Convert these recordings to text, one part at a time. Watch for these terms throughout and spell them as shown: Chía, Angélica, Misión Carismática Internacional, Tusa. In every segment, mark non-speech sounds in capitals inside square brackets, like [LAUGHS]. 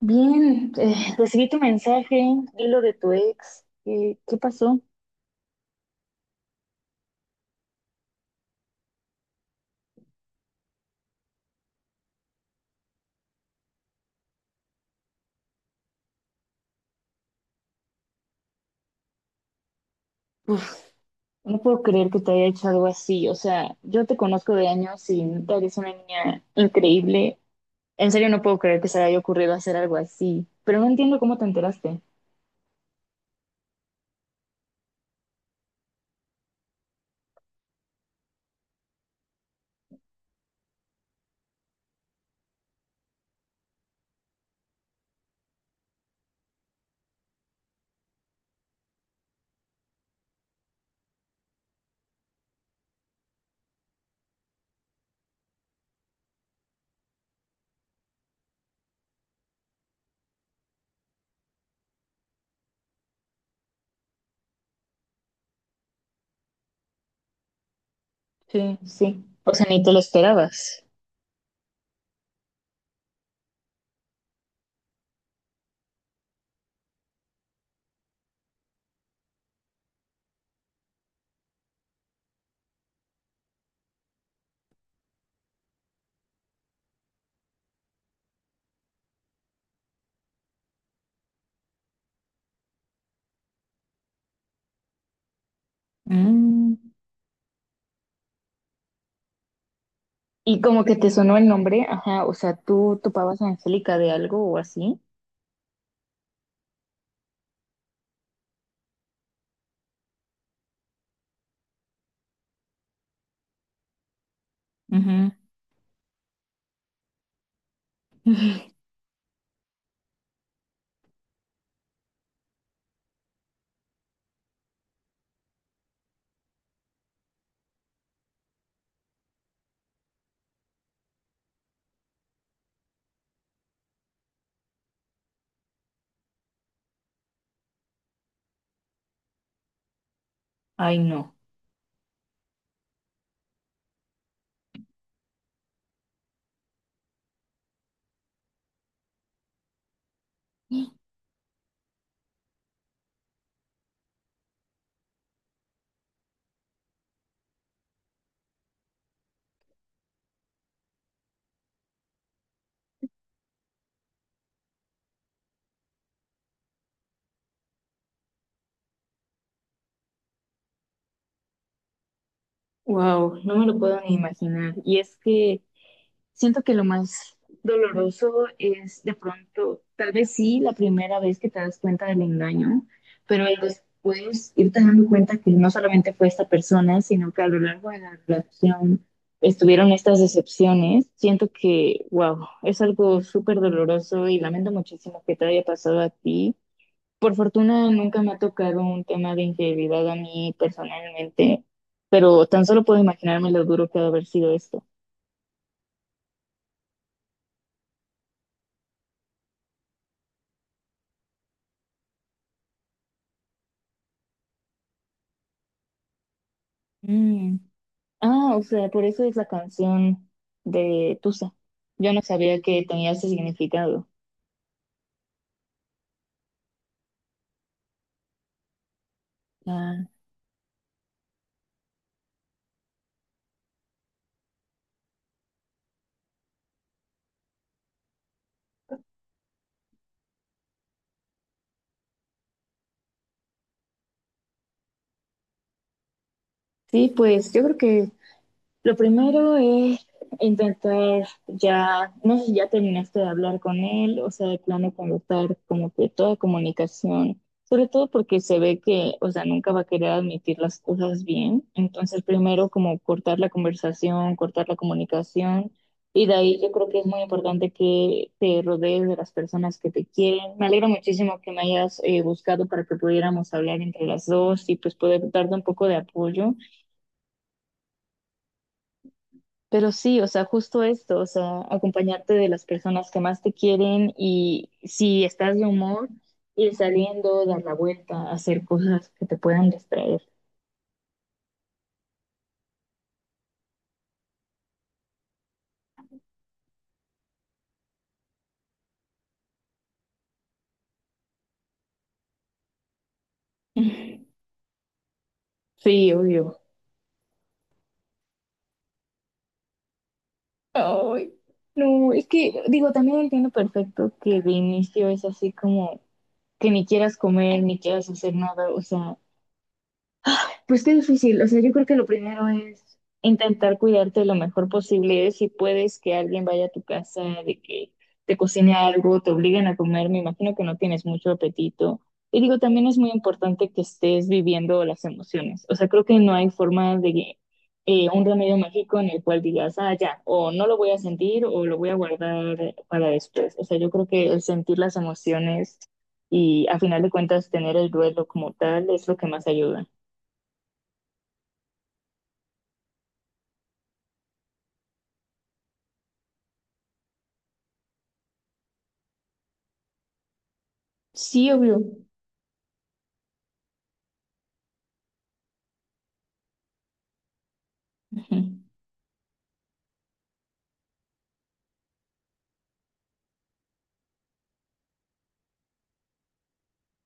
Bien, recibí tu mensaje y lo de tu ex. ¿Qué pasó? Uf, no puedo creer que te haya hecho algo así. O sea, yo te conozco de años y neta eres una niña increíble. En serio, no puedo creer que se le haya ocurrido hacer algo así. Pero no entiendo cómo te enteraste. Sí, sí. O sea, ni te lo esperabas. Mm. Y como que te sonó el nombre, ajá. O sea, ¿tú topabas a Angélica de algo o así? Ujú. [LAUGHS] Ay, no. Wow, no me lo puedo ni imaginar. Y es que siento que lo más doloroso es de pronto, tal vez sí, la primera vez que te das cuenta del engaño, pero el después irte dando cuenta que no solamente fue esta persona, sino que a lo largo de la relación estuvieron estas decepciones. Siento que, wow, es algo súper doloroso y lamento muchísimo que te haya pasado a ti. Por fortuna nunca me ha tocado un tema de infidelidad a mí personalmente, pero tan solo puedo imaginarme lo duro que ha de haber sido esto. Mm. Ah, o sea, por eso es la canción de Tusa. Yo no sabía que tenía ese significado. Ah, sí, pues yo creo que lo primero es intentar ya, no sé si ya terminaste de hablar con él, o sea, de plano cortar como que toda comunicación, sobre todo porque se ve que, o sea, nunca va a querer admitir las cosas bien. Entonces, primero como cortar la conversación, cortar la comunicación, y de ahí yo creo que es muy importante que te rodees de las personas que te quieren. Me alegra muchísimo que me hayas buscado para que pudiéramos hablar entre las dos y pues poder darte un poco de apoyo. Pero sí, o sea, justo esto, o sea, acompañarte de las personas que más te quieren y si estás de humor, ir saliendo, dar la vuelta, hacer cosas que te puedan distraer. [LAUGHS] Sí, obvio. Ay, no, es que, digo, también entiendo perfecto que de inicio es así como que ni quieras comer, ni quieras hacer nada, o sea, pues qué difícil. O sea, yo creo que lo primero es intentar cuidarte lo mejor posible. Si puedes que alguien vaya a tu casa, de que te cocine algo, te obliguen a comer, me imagino que no tienes mucho apetito. Y digo, también es muy importante que estés viviendo las emociones. O sea, creo que no hay forma de un remedio mágico en el cual digas, ah, ya, o no lo voy a sentir o lo voy a guardar para después. O sea, yo creo que el sentir las emociones y a final de cuentas tener el duelo como tal es lo que más ayuda. Sí, obvio. Ujú.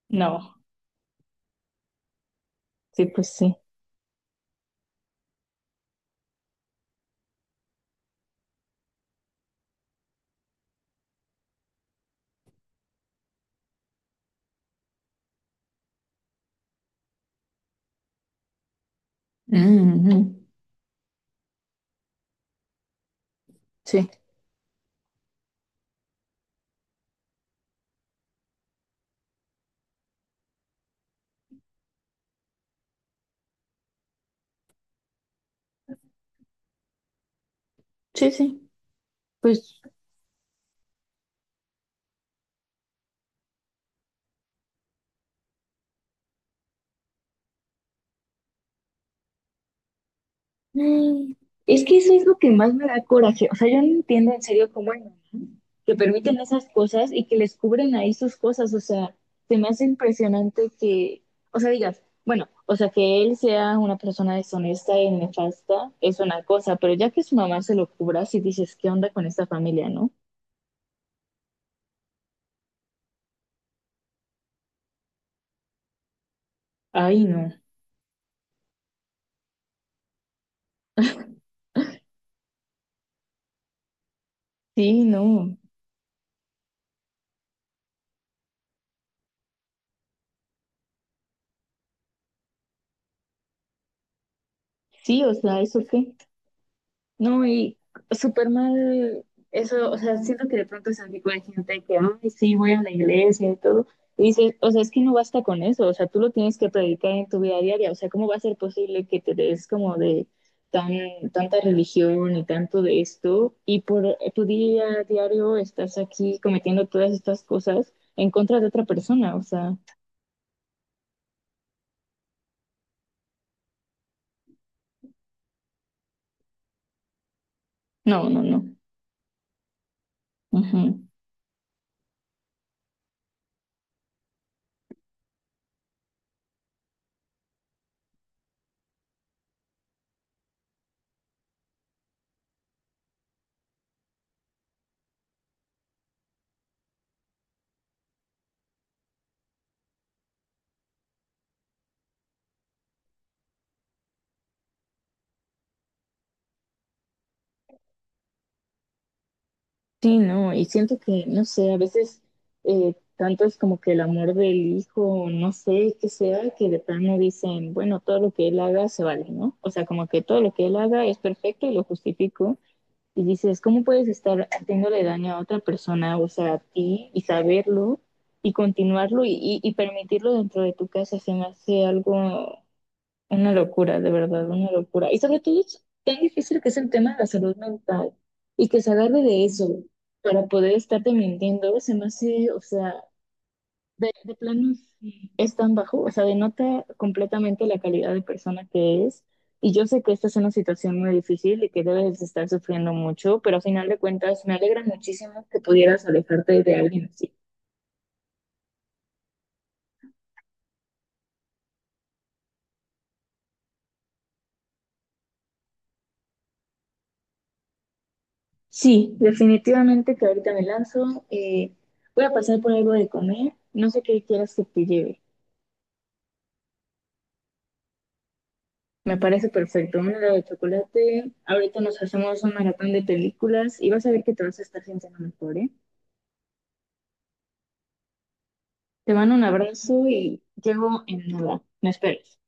No, sí, pues sí. Ujú. Sí, sí, sí. Pues mm, es que eso es lo que más me da coraje. O sea, yo no entiendo en serio cómo hay mamás que permiten esas cosas y que les cubren ahí sus cosas. O sea, se me hace impresionante que, o sea, digas, bueno, o sea, que él sea una persona deshonesta y nefasta es una cosa, pero ya que su mamá se lo cubra, si dices, ¿qué onda con esta familia, no? Ay, no. Sí, no. Sí, o sea, ¿eso qué? No, y súper mal eso, o sea, siento que de pronto se tipo de gente que, ay, sí, voy a la iglesia y todo. Y dices, o sea, es que no basta con eso, o sea, tú lo tienes que predicar en tu vida diaria, o sea, ¿cómo va a ser posible que te des como de tan, tanta religión y tanto de esto y por tu día a diario estás aquí cometiendo todas estas cosas en contra de otra persona? O sea, no, no, no. Ujú. Sí, no, y siento que, no sé, a veces tanto es como que el amor del hijo, no sé qué sea, que de plano dicen, bueno, todo lo que él haga se vale, ¿no? O sea, como que todo lo que él haga es perfecto y lo justifico. Y dices, ¿cómo puedes estar haciéndole daño a otra persona, o sea, a ti, y saberlo, y continuarlo, y permitirlo dentro de tu casa? Se me hace algo, una locura, de verdad, una locura. Y sobre todo es tan difícil que es el tema de la salud mental y que se agarre de eso para poder estarte mintiendo, se me hace, o sea, de plano sí es tan bajo, o sea, denota completamente la calidad de persona que es. Y yo sé que esta es una situación muy difícil y que debes de estar sufriendo mucho, pero a final de cuentas me alegra muchísimo que pudieras alejarte de alguien así. Sí, definitivamente que ahorita me lanzo. Voy a pasar por algo de comer. No sé qué quieras que te lleve. Me parece perfecto. Un helado de chocolate. Ahorita nos hacemos un maratón de películas y vas a ver que te vas a estar sintiendo mejor, ¿eh? Te mando un abrazo y llego en nada. Me esperes.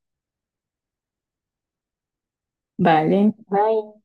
Vale, bye.